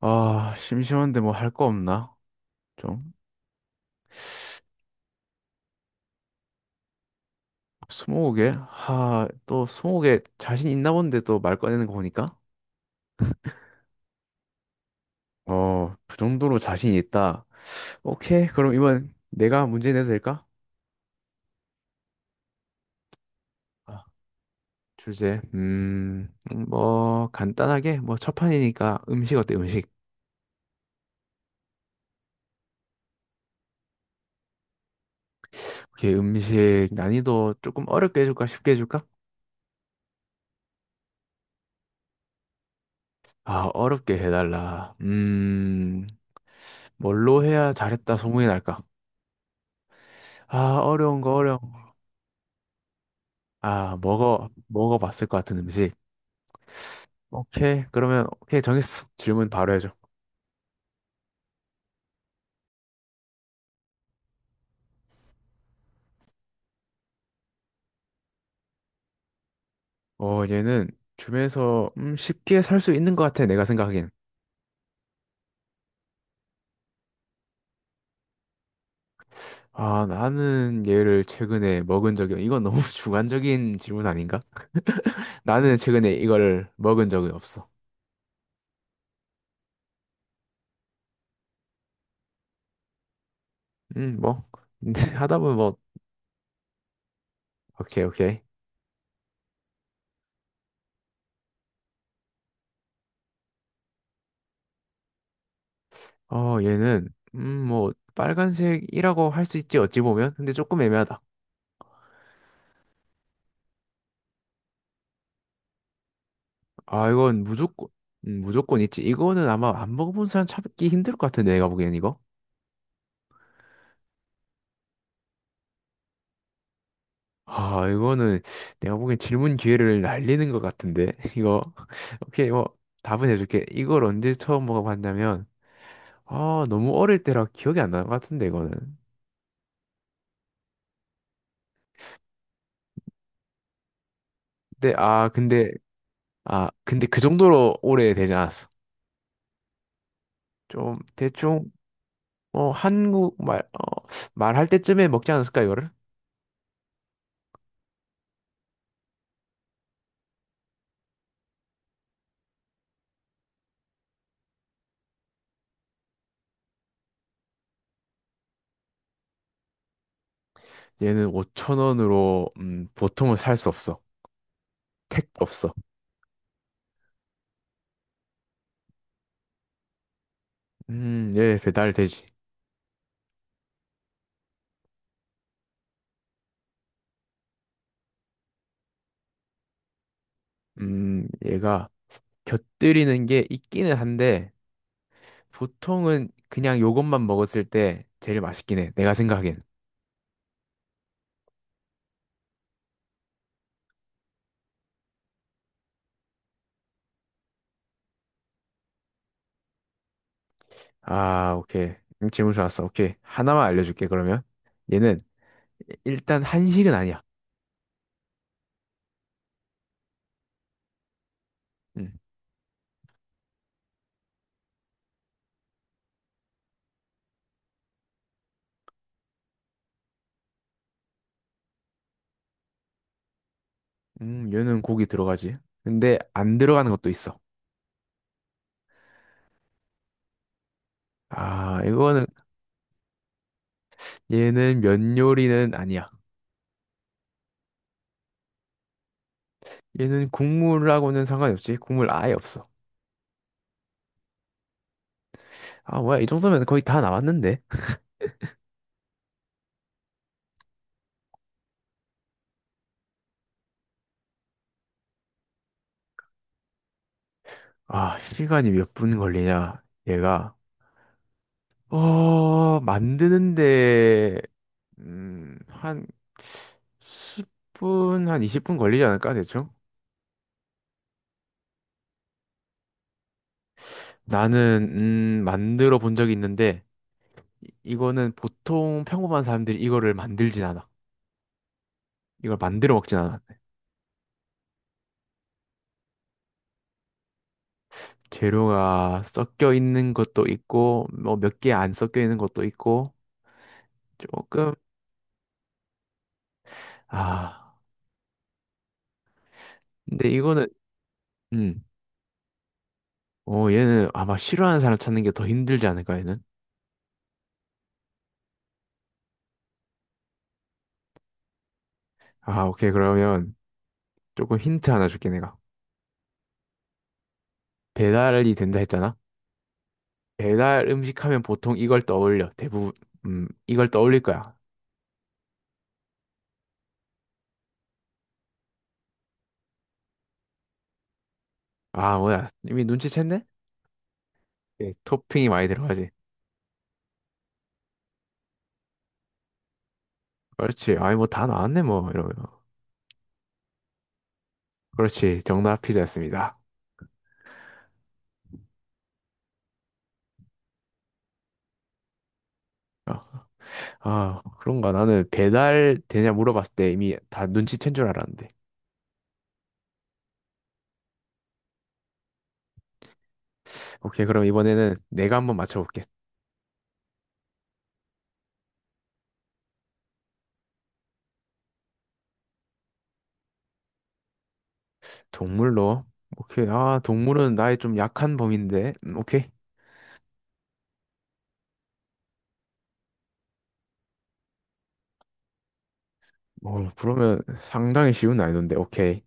아, 심심한데 뭐 할 거 없나? 좀. 스무고개? 하, 또 스무고개 자신 있나 본데 또 말 꺼내는 거 보니까. 어, 그 정도로 자신 있다. 오케이, 그럼 이번 내가 문제 내도 될까? 아, 주제, 뭐 간단하게 뭐 첫 판이니까 음식 어때? 음식. 오케이, 음식 난이도 조금 어렵게 해줄까? 쉽게 해줄까? 아, 어렵게 해달라. 뭘로 해야 잘했다 소문이 날까? 아, 어려운 거 어려워. 아, 먹어봤을 것 같은 음식. 오케이. 그러면, 오케이. 정했어. 질문 바로 해줘. 어, 얘는 주변에서, 쉽게 살 수 있는 것 같아. 내가 생각하기엔. 아, 나는 얘를 최근에 먹은 적이, 이건 너무 주관적인 질문 아닌가? 나는 최근에 이걸 먹은 적이 없어. 뭐. 근데 하다 보면, 뭐, 오케이, 오케이. 어, 얘는, 뭐, 빨간색이라고 할 수 있지, 어찌 보면. 근데 조금 애매하다. 아, 이건 무조건, 무조건 있지. 이거는 아마 안 먹어본 사람 찾기 힘들 것 같은데, 내가 보기엔 이거. 아, 이거는 내가 보기엔 질문 기회를 날리는 것 같은데, 이거. 오케이, 뭐, 답은 해줄게. 이걸 언제 처음 먹어봤냐면, 아, 너무 어릴 때라 기억이 안 나는 것 같은데, 이거는. 근데, 아, 근데, 근데 그 정도로 오래 되지 않았어. 좀, 대충, 어, 한국 말, 어, 말할 때쯤에 먹지 않았을까, 이거를? 얘는 5천 원으로, 보통은 살 수 없어. 택 없어. 예, 배달되지. 얘가 곁들이는 게 있기는 한데, 보통은 그냥 요것만 먹었을 때 제일 맛있긴 해. 내가 생각엔. 아, 오케이. 질문 좋았어. 오케이. 하나만 알려줄게, 그러면. 얘는 일단 한식은 아니야. 음, 얘는 고기 들어가지. 근데 안 들어가는 것도 있어. 아, 이거는, 얘는 면 요리는 아니야. 얘는 국물하고는 상관이 없지. 국물 아예 없어. 아, 뭐야. 이 정도면 거의 다 나왔는데. 아, 시간이 몇 분 걸리냐? 얘가, 어, 만드는데, 한 10분, 한 20분 걸리지 않을까 대충? 나는, 만들어 본 적이 있는데 이거는 보통 평범한 사람들이 이거를 만들진 않아. 이걸 만들어 먹진 않아. 재료가 섞여 있는 것도 있고 뭐 몇 개 안 섞여 있는 것도 있고 조금. 아, 근데 이거는. 음. 어, 얘는 아마 싫어하는 사람 찾는 게 더 힘들지 않을까, 얘는? 아, 오케이. 그러면 조금 힌트 하나 줄게, 내가. 배달이 된다 했잖아? 배달 음식 하면 보통 이걸 떠올려. 대부분, 이걸 떠올릴 거야. 아, 뭐야. 이미 눈치챘네? 네, 토핑이 많이 들어가지. 그렇지. 아니, 뭐 다 나왔네, 뭐. 이러면. 그렇지. 정답 피자였습니다. 어. 아, 그런가. 나는 배달 되냐 물어봤을 때 이미 다 눈치챈 줄 알았는데. 오케이. 그럼 이번에는 내가 한번 맞춰볼게. 동물로. 오케이. 아, 동물은 나의 좀 약한 범인데. 오케이. 어, 그러면 상당히 쉬운 난이도인데, 오케이.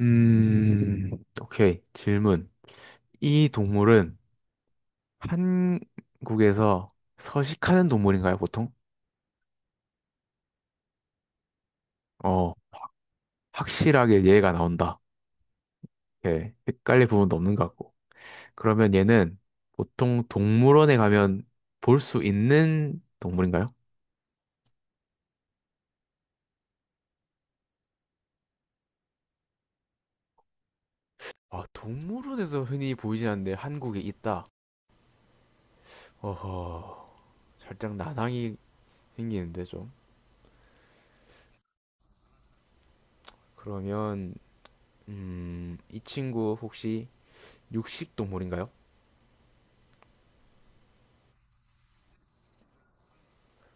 음, 오케이. 질문. 이 동물은 한국에서 서식하는 동물인가요, 보통? 어, 확실하게 얘가 나온다. 오케이. 헷갈릴 부분도 없는 것 같고. 그러면 얘는 보통 동물원에 가면 볼 수 있는 동물인가요? 아, 동물원에서 흔히 보이진 않는데 한국에 있다. 어허, 살짝 난항이 생기는데 좀. 그러면, 이 친구 혹시 육식 동물인가요?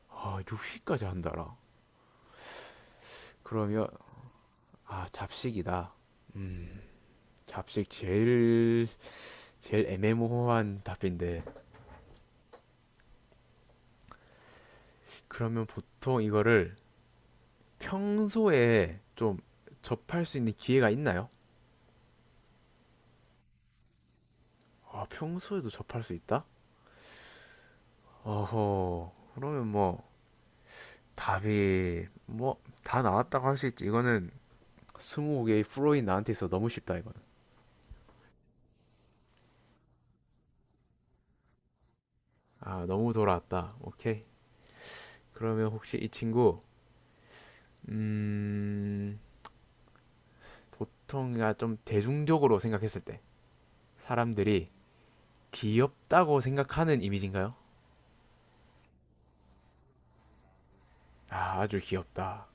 아, 육식까지 한다라. 그러면, 아, 잡식이다. 잡식 제일 애매모호한 답인데, 그러면 보통 이거를 평소에 좀 접할 수 있는 기회가 있나요? 아, 평소에도 접할 수 있다? 어허, 그러면 뭐 답이 뭐 다 나왔다고 할 수 있지. 이거는, 스무 개의 프로인 나한테 있어 너무 쉽다. 이거는, 아, 너무 돌아왔다. 오케이. 그러면 혹시 이 친구, 음, 보통 그러니까 좀 대중적으로 생각했을 때 사람들이 귀엽다고 생각하는 이미지인가요? 아, 아주 귀엽다.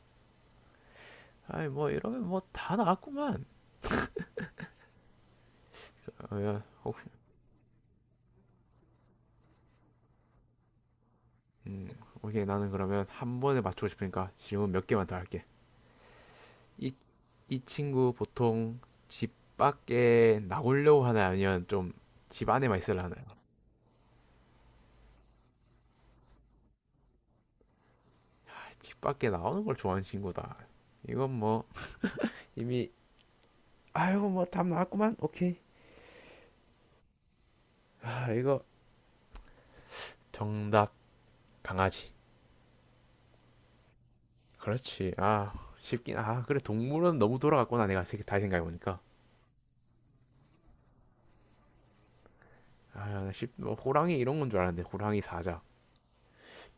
아이 뭐 이러면 뭐 다 나왔구만. 어, 야, 어, 음, 오케이. 나는 그러면 한 번에 맞추고 싶으니까 질문 몇 개만 더 할게. 이, 이 친구 보통 집 밖에 나오려고 하나요? 아니면 좀 집 안에만 있으려 하나요? 아, 집 밖에 나오는 걸 좋아하는 친구다. 이건 뭐 이미, 아이고 뭐 답 나왔구만. 오케이. 아, 이거 정답 강아지. 그렇지. 아, 쉽긴. 아, 그래. 동물은 너무 돌아갔구나, 내가 다시 생각해 보니까. 아쉽뭐 호랑이 이런 건 줄 알았는데, 호랑이, 사자,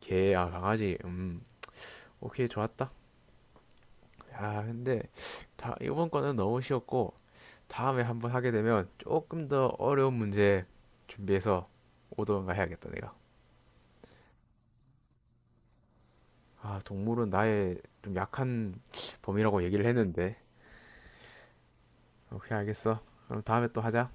개, 아, 강아지. 음, 오케이. 좋았다. 아, 근데 다 이번 거는 너무 쉬웠고, 다음에 한번 하게 되면 조금 더 어려운 문제 준비해서 오던가 해야겠다, 내가. 아, 동물은 나의 좀 약한 범위라고 얘기를 했는데, 오케이, 알겠어. 그럼 다음에 또 하자.